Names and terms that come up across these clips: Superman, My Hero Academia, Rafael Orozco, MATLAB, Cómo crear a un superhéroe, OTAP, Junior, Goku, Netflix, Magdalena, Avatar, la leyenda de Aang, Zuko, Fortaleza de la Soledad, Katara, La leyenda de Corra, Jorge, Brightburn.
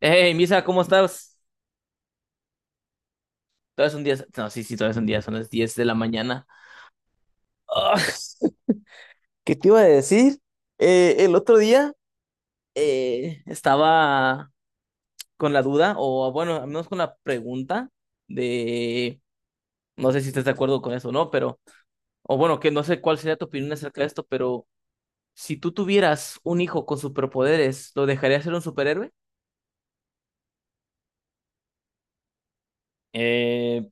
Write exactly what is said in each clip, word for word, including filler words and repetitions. Hey, Misa, ¿cómo estás? Todavía es un día. No, sí, sí, todavía es un día, son las diez de la mañana. Ah, ¿qué te iba a decir? Eh, el otro día eh, estaba con la duda, o bueno, al menos con la pregunta de. No sé si estás de acuerdo con eso o no, pero. O bueno, que no sé cuál sería tu opinión acerca de esto, pero si tú tuvieras un hijo con superpoderes, ¿lo dejarías ser un superhéroe? Eh,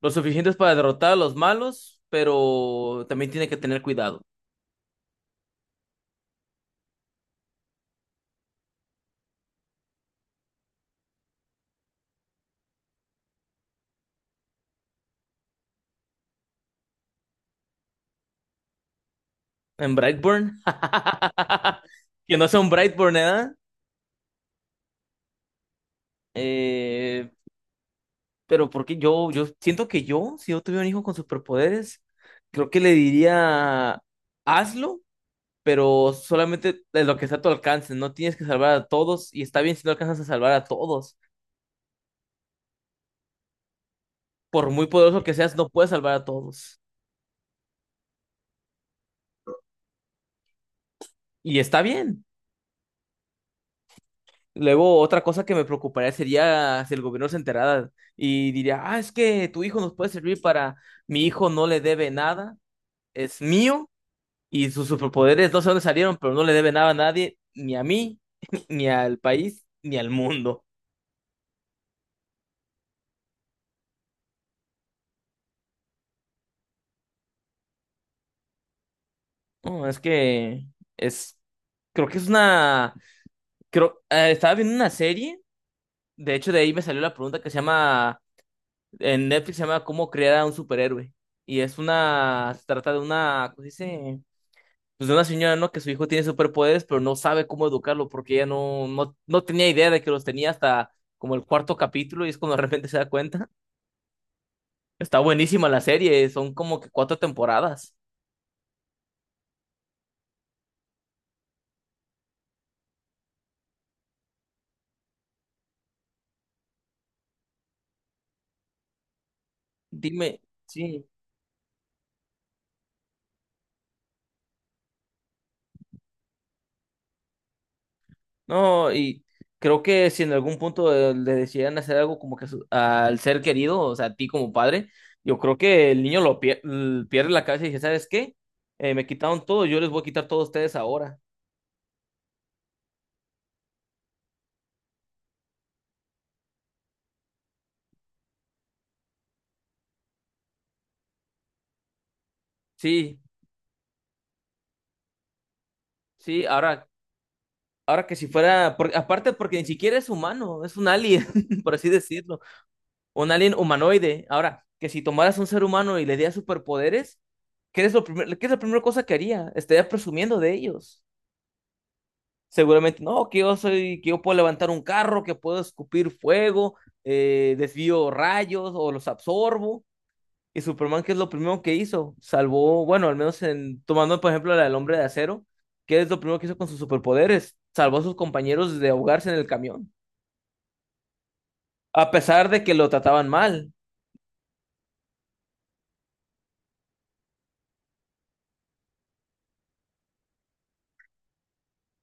lo suficientes para derrotar a los malos, pero también tiene que tener cuidado. En Brightburn. Que no sea un Brightburn, ¿eh? Eh, pero porque yo, yo siento que yo, si yo tuviera un hijo con superpoderes, creo que le diría, hazlo, pero solamente de lo que está a tu alcance. No tienes que salvar a todos y está bien si no alcanzas a salvar a todos. Por muy poderoso que seas, no puedes salvar a todos. Y está bien. Luego, otra cosa que me preocuparía sería si el gobierno se enterara y diría, ah, es que tu hijo nos puede servir para, mi hijo no le debe nada, es mío, y sus superpoderes no sé dónde salieron, pero no le debe nada a nadie, ni a mí, ni al país, ni al mundo. No, es que es, creo que es una, creo, eh, estaba viendo una serie, de hecho de ahí me salió la pregunta que se llama, en Netflix se llama ¿Cómo crear a un superhéroe? Y es una, se trata de una, ¿cómo se dice? Pues de una señora, ¿no? Que su hijo tiene superpoderes, pero no sabe cómo educarlo porque ella no, no, no tenía idea de que los tenía hasta como el cuarto capítulo y es cuando de repente se da cuenta. Está buenísima la serie, son como que cuatro temporadas. Dime, sí, no, y creo que si en algún punto eh, le decidieran hacer algo como que su- al ser querido, o sea, a ti como padre, yo creo que el niño lo pier- l- pierde la cabeza y dice, ¿sabes qué? Eh, me quitaron todo, yo les voy a quitar todo a ustedes ahora. Sí, sí, ahora, ahora que si fuera, por- aparte porque ni siquiera es humano, es un alien, por así decirlo. Un alien humanoide. Ahora, que si tomaras un ser humano y le dieras superpoderes, ¿qué es lo primer- qué es la primera cosa que haría? Estaría presumiendo de ellos. Seguramente, no, que yo soy, que yo puedo levantar un carro, que puedo escupir fuego, eh, desvío rayos o los absorbo. Y Superman, ¿qué es lo primero que hizo? Salvó, bueno, al menos en, tomando por ejemplo la del hombre de acero, ¿qué es lo primero que hizo con sus superpoderes? Salvó a sus compañeros de ahogarse en el camión, a pesar de que lo trataban mal.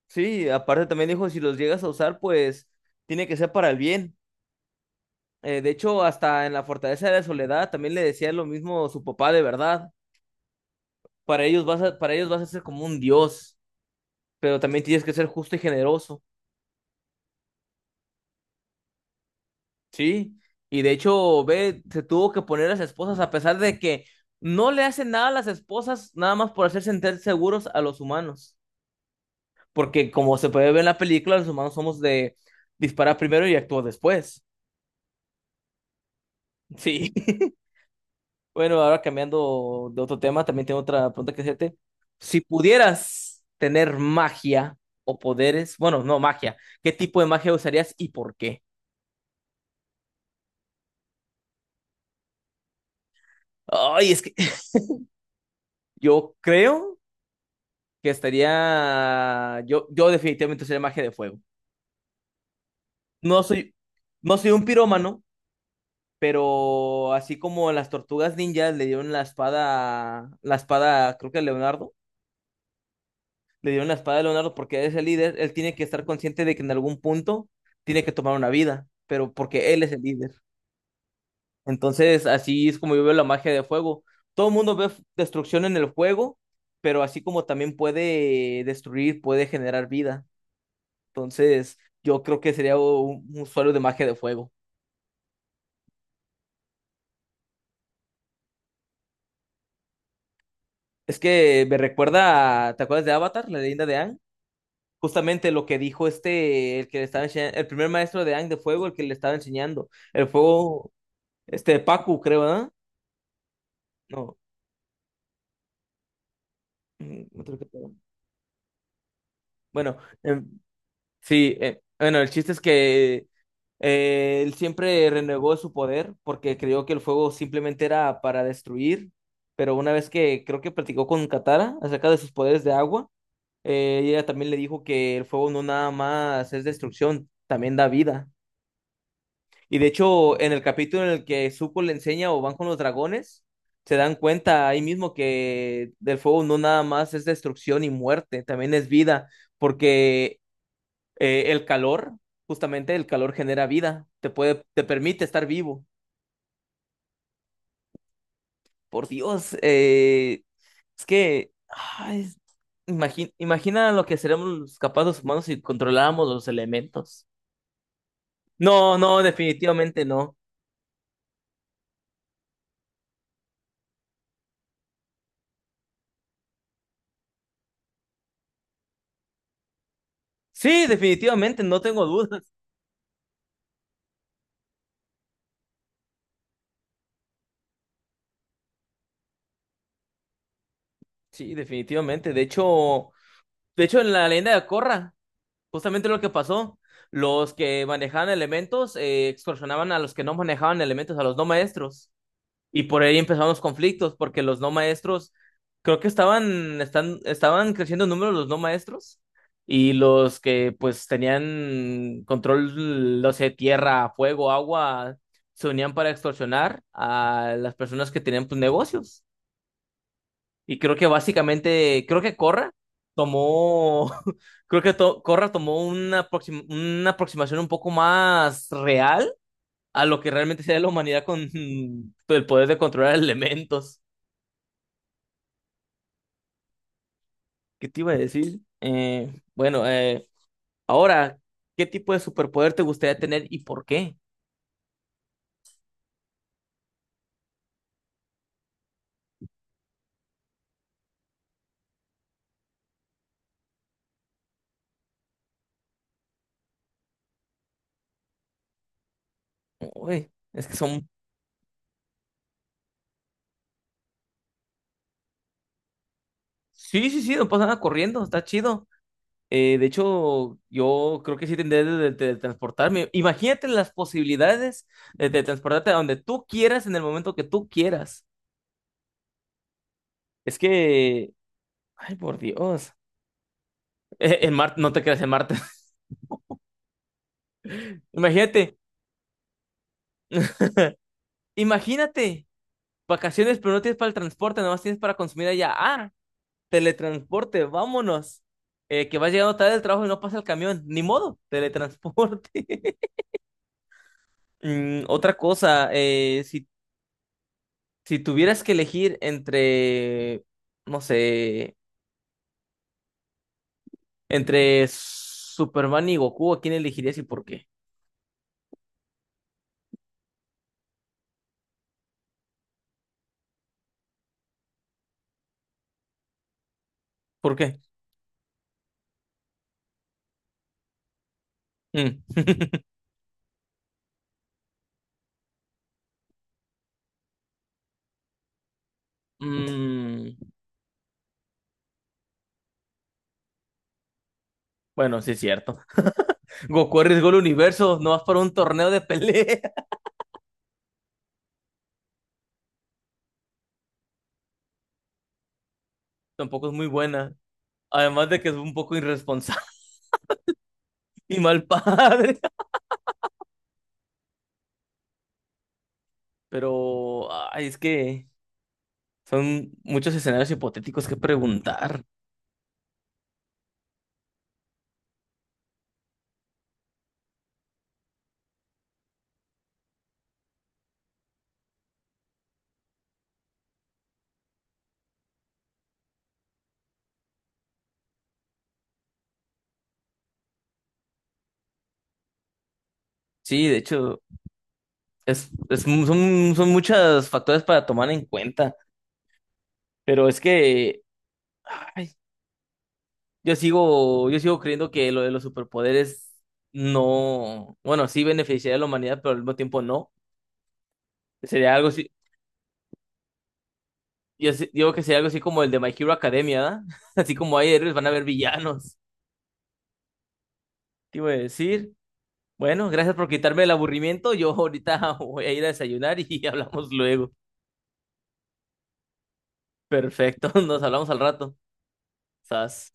Sí, aparte también dijo, si los llegas a usar, pues tiene que ser para el bien. Eh, de hecho, hasta en la Fortaleza de la Soledad también le decía lo mismo su papá de verdad. Para ellos vas a, para ellos vas a ser como un dios, pero también tienes que ser justo y generoso. Sí. Y de hecho, ve, se tuvo que poner a las esposas a pesar de que no le hacen nada a las esposas, nada más por hacer sentir seguros a los humanos. Porque como se puede ver en la película, los humanos somos de disparar primero y actuar después. Sí. Bueno, ahora cambiando de otro tema, también tengo otra pregunta que hacerte. Si pudieras tener magia o poderes, bueno, no magia, ¿qué tipo de magia usarías y por qué? Ay, es que yo creo que estaría, yo, yo definitivamente usaría magia de fuego. No soy, no soy un pirómano, pero así como las tortugas ninjas le dieron la espada, la espada, creo que a Leonardo. Le dieron la espada a Leonardo porque es el líder, él tiene que estar consciente de que en algún punto tiene que tomar una vida, pero porque él es el líder. Entonces, así es como yo veo la magia de fuego. Todo el mundo ve f- destrucción en el fuego, pero así como también puede destruir, puede generar vida. Entonces, yo creo que sería un un usuario de magia de fuego. Es que me recuerda, a- ¿te acuerdas de Avatar, la leyenda de Aang? Justamente lo que dijo este, el que le estaba enseñando, el primer maestro de Aang de fuego, el que le estaba enseñando. El fuego. Este, Pacu, creo, ¿verdad? No, mm, otro que-. Bueno, em, sí, eh, bueno, el chiste es que eh, él siempre renegó su poder porque creyó que el fuego simplemente era para destruir, pero una vez que creo que platicó con Katara acerca de sus poderes de agua, eh, ella también le dijo que el fuego no nada más es destrucción, también da vida. Y de hecho, en el capítulo en el que Zuko le enseña o van con los dragones, se dan cuenta ahí mismo que del fuego no nada más es destrucción y muerte, también es vida, porque eh, el calor, justamente el calor genera vida, te puede, te permite estar vivo. Por Dios, eh, es que ay, imagi- imagina lo que seremos capaces los humanos si controláramos los elementos. No, no, definitivamente no. Sí, definitivamente, no tengo dudas. Sí, definitivamente. De hecho, de hecho, en la leyenda de Corra, justamente lo que pasó, los que manejaban elementos eh, extorsionaban a los que no manejaban elementos, a los no maestros. Y por ahí empezaron los conflictos, porque los no maestros, creo que estaban, están, estaban creciendo en número los no maestros, y los que pues tenían control, no sé, tierra, fuego, agua, se unían para extorsionar a las personas que tenían pues negocios. Y creo que básicamente, creo que Corra tomó, creo que to- Corra tomó una, aproxim- una aproximación un poco más real a lo que realmente sea la humanidad con mm, el poder de controlar elementos. ¿Qué te iba a decir? Eh, bueno, eh, ahora, ¿qué tipo de superpoder te gustaría tener y por qué? Uy, es que son. Sí, sí, sí, no pasa nada corriendo, está chido. Eh, de hecho, yo creo que sí tendría de, de- transportarme. Imagínate las posibilidades de, de transportarte a donde tú quieras en el momento que tú quieras. Es que, ay, por Dios. Eh, en Marte, no te creas en Marte. Imagínate, imagínate, vacaciones, pero no tienes para el transporte, nomás tienes para consumir allá. Ah, teletransporte, vámonos. Eh, que vas llegando tarde del trabajo y no pasa el camión. Ni modo, teletransporte. Mm, otra cosa, eh, si Si tuvieras que elegir entre, no sé, entre Superman y Goku, ¿a quién elegirías y por qué? ¿Por qué? Mm. Mm, bueno, sí es cierto. Goku arriesgó el universo, no vas para un torneo de pelea. Tampoco es muy buena. Además de que es un poco irresponsable y mal padre. Pero, ay, es que son muchos escenarios hipotéticos que preguntar. Sí, de hecho, es, es- son, son muchos factores para tomar en cuenta. Pero es que ay, yo sigo, yo sigo creyendo que lo de los superpoderes no, bueno, sí beneficiaría a la humanidad, pero al mismo tiempo no. Sería algo así, yo sí- digo que sería algo así como el de My Hero Academia, ¿da? Así como hay héroes, van a haber villanos. Te iba a decir, bueno, gracias por quitarme el aburrimiento. Yo ahorita voy a ir a desayunar y hablamos luego. Perfecto, nos hablamos al rato. Sas.